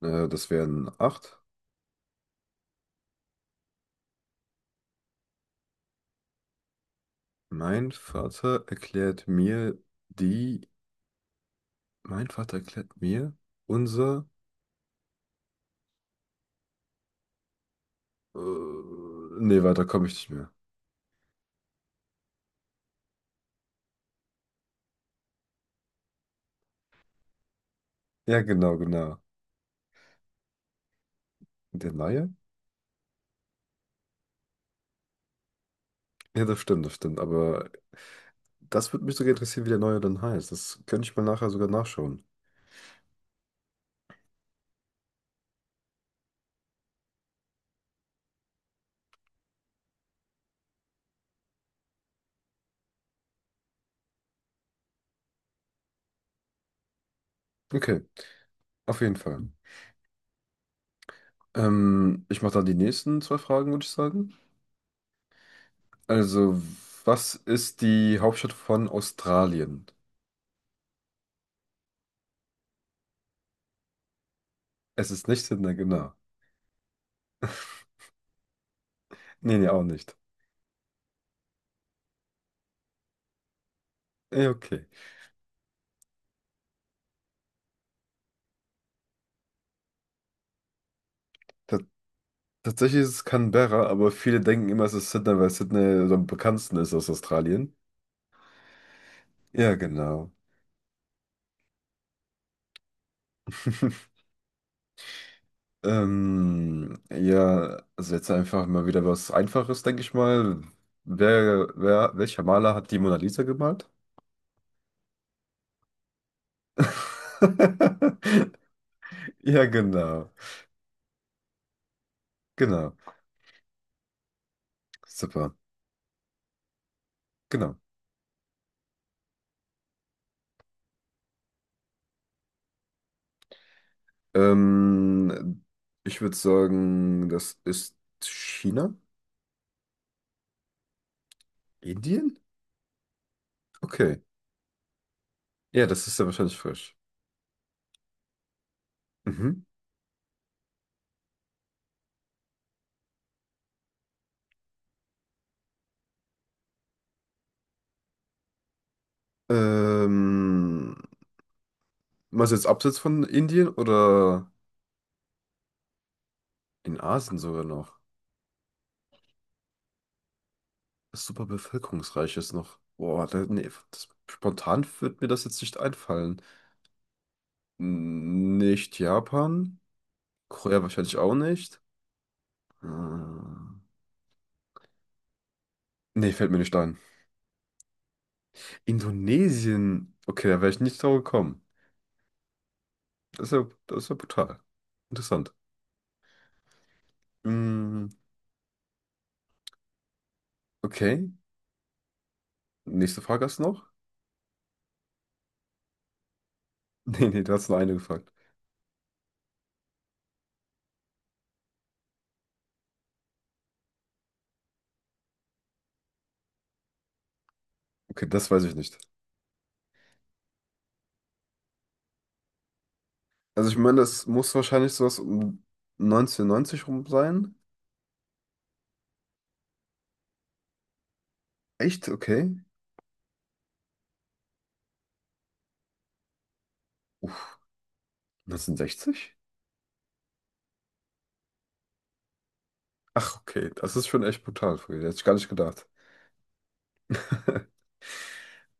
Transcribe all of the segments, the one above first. Das wären acht. Mein Vater erklärt mir die. Mein Vater erklärt mir unser. Äh, nee, weiter komme ich nicht mehr. Ja, genau, genau. Der Neue? Ja, das stimmt, das stimmt. Aber das würde mich sogar interessieren, wie der Neue dann heißt. Das könnte ich mal nachher sogar nachschauen. Okay, auf jeden Fall. Ich mache dann die nächsten zwei Fragen, würde ich sagen. Also, was ist die Hauptstadt von Australien? Es ist nicht Sydney, genau. Nee, nee, auch nicht. Eh, okay. Tatsächlich ist es Canberra, aber viele denken immer, es ist Sydney, weil Sydney so am bekanntesten ist aus Australien. Ja, genau. Ja, also jetzt einfach mal wieder was Einfaches, denke ich mal. Welcher Maler hat die Mona Lisa gemalt? Ja, genau. Genau. Super. Genau. Ähm, ich würde sagen, das ist China? Indien? Okay. Ja, das ist ja wahrscheinlich frisch. Mhm. Ähm, meinst du jetzt abseits von Indien oder in Asien sogar noch? Das super bevölkerungsreich ist noch. Boah, da, nee, das, spontan wird mir das jetzt nicht einfallen. Nicht Japan, Korea wahrscheinlich auch nicht. Hm. Nee, fällt mir nicht ein. Indonesien. Okay, da wäre ich nicht drauf gekommen. Das ist ja brutal. Interessant. Hm, okay, nächste Frage hast du noch? Nee, nee, du hast nur eine gefragt. Okay, das weiß ich nicht. Also ich meine, das muss wahrscheinlich sowas um 1990 rum sein. Echt? Okay. Uff, 1960? Ach, okay. Das ist schon echt brutal früh. Hätte ich gar nicht gedacht.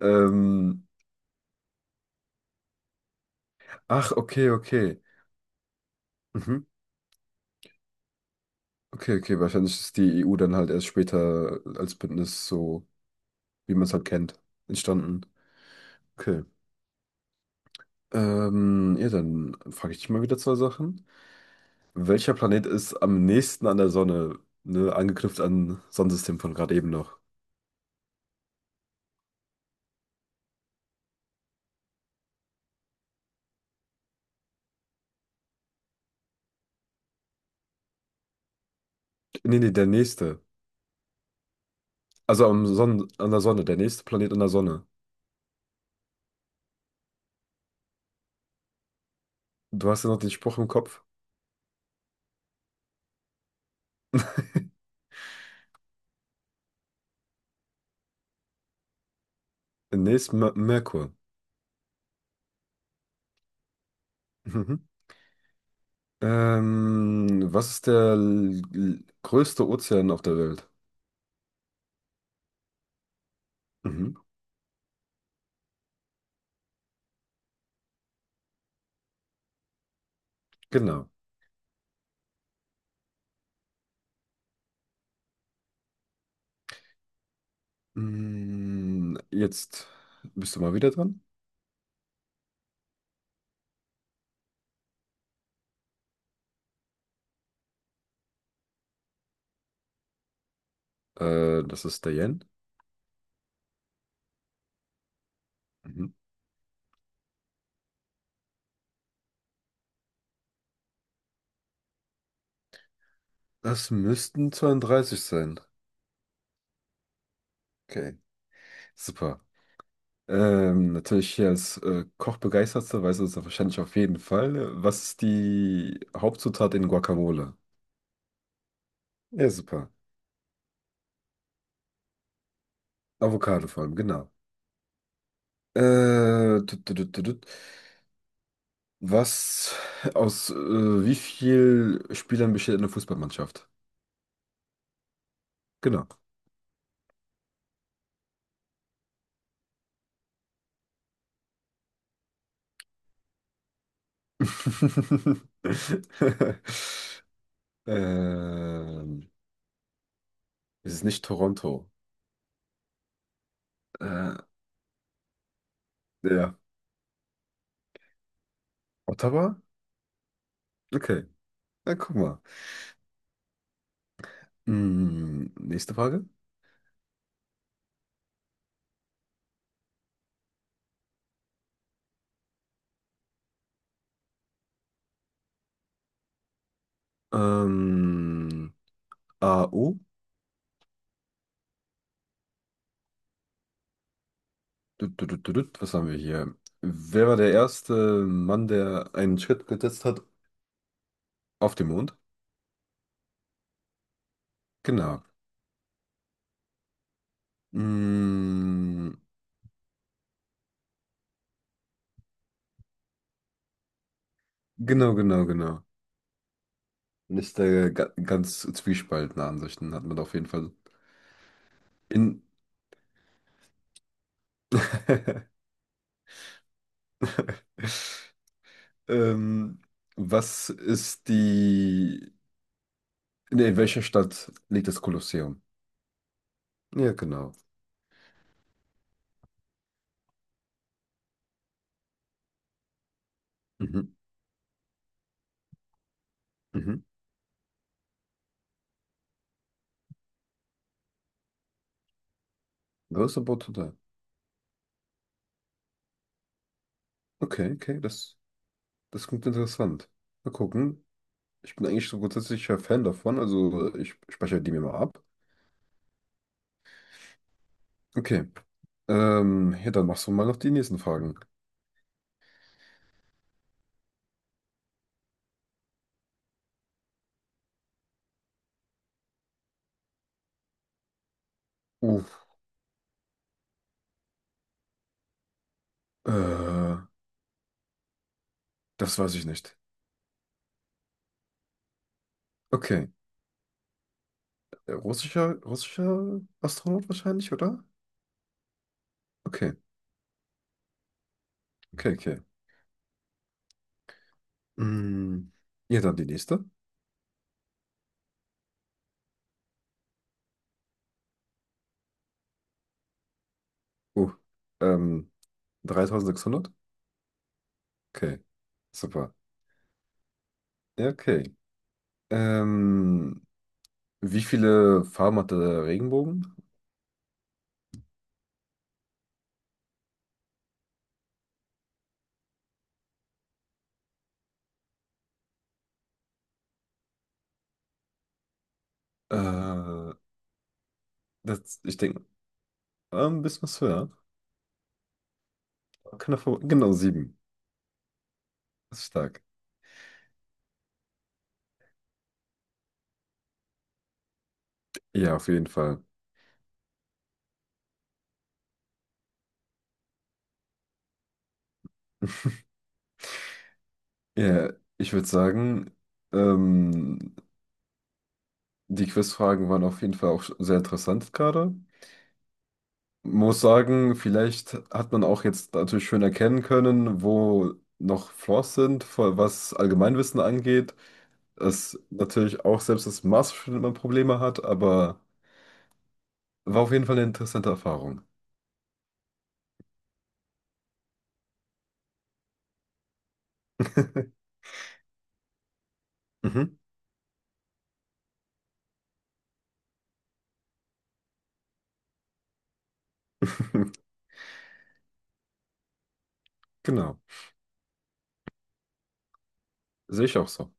Ähm, ach, okay, okay. Mhm. Okay, okay. Wahrscheinlich ist die EU dann halt erst später als Bündnis so, wie man es halt kennt, entstanden. Okay. Ja, dann frage ich dich mal wieder zwei Sachen. Welcher Planet ist am nächsten an der Sonne? Ne, angeknüpft an Sonnensystem von gerade eben noch. Nee, nee, der nächste. Also am Sonne an der Sonne, der nächste Planet an der Sonne. Du hast ja noch den Spruch im Kopf. Nächst Mer Merkur. Mhm. Was ist der größte Ozean auf der Welt? Mhm. Genau. Mm, jetzt bist du mal wieder dran. Das ist der Yen. Mhm. Das müssten 32 sein. Okay, super. Natürlich hier als Kochbegeisterter weißt du das wahrscheinlich auf jeden Fall. Was ist die Hauptzutat in Guacamole? Ja, super. Avocado vor allem, genau. Äh, tut, tut, tut, tut, tut. Was aus wie viel Spielern besteht eine Fußballmannschaft? Genau. Ähm, es ist nicht Toronto. Äh, ja. Ottawa? Okay. Na, guck mal. Hm, nächste Frage. Ähm, A U. Tut, tut, tut, tut, tut. Was haben wir hier? Wer war der erste Mann, der einen Schritt gesetzt hat auf dem Mond? Genau. Mm, genau, genau, genau. Und ist da ga ganz zwiespaltene Ansichten hat man da auf jeden Fall. In, ähm, was ist die. Nee, in welcher Stadt liegt das Kolosseum? Ja, genau. Mhm, mhm. Großer Portugal. Okay, okay, das, das klingt interessant. Mal gucken. Ich bin eigentlich so grundsätzlicher Fan davon, also ich speichere die mir mal ab. Okay. Ja, dann machst du mal noch die nächsten Fragen. Uff. Äh, Das weiß ich nicht. Okay. Russischer, russischer Astronaut wahrscheinlich, oder? Okay, okay, okay. Mm, ja, dann die nächste. Uh, ähm, 3.600? Okay, super. Ja, okay. Ähm, wie viele Farben hat der Regenbogen? Äh, ich denke, ein bisschen was höher. Genau, sieben. Das ist stark. Ja, auf jeden Fall. Ja, ich würde sagen, ähm, Die Quizfragen waren auf jeden Fall auch sehr interessant gerade. Muss sagen, vielleicht hat man auch jetzt natürlich schön erkennen können, wo noch Flaws sind, was Allgemeinwissen angeht. Das natürlich auch selbst das Masterstudent man Probleme hat, aber war auf jeden Fall eine interessante Erfahrung. Mhm. Genau. Sehe ich auch so.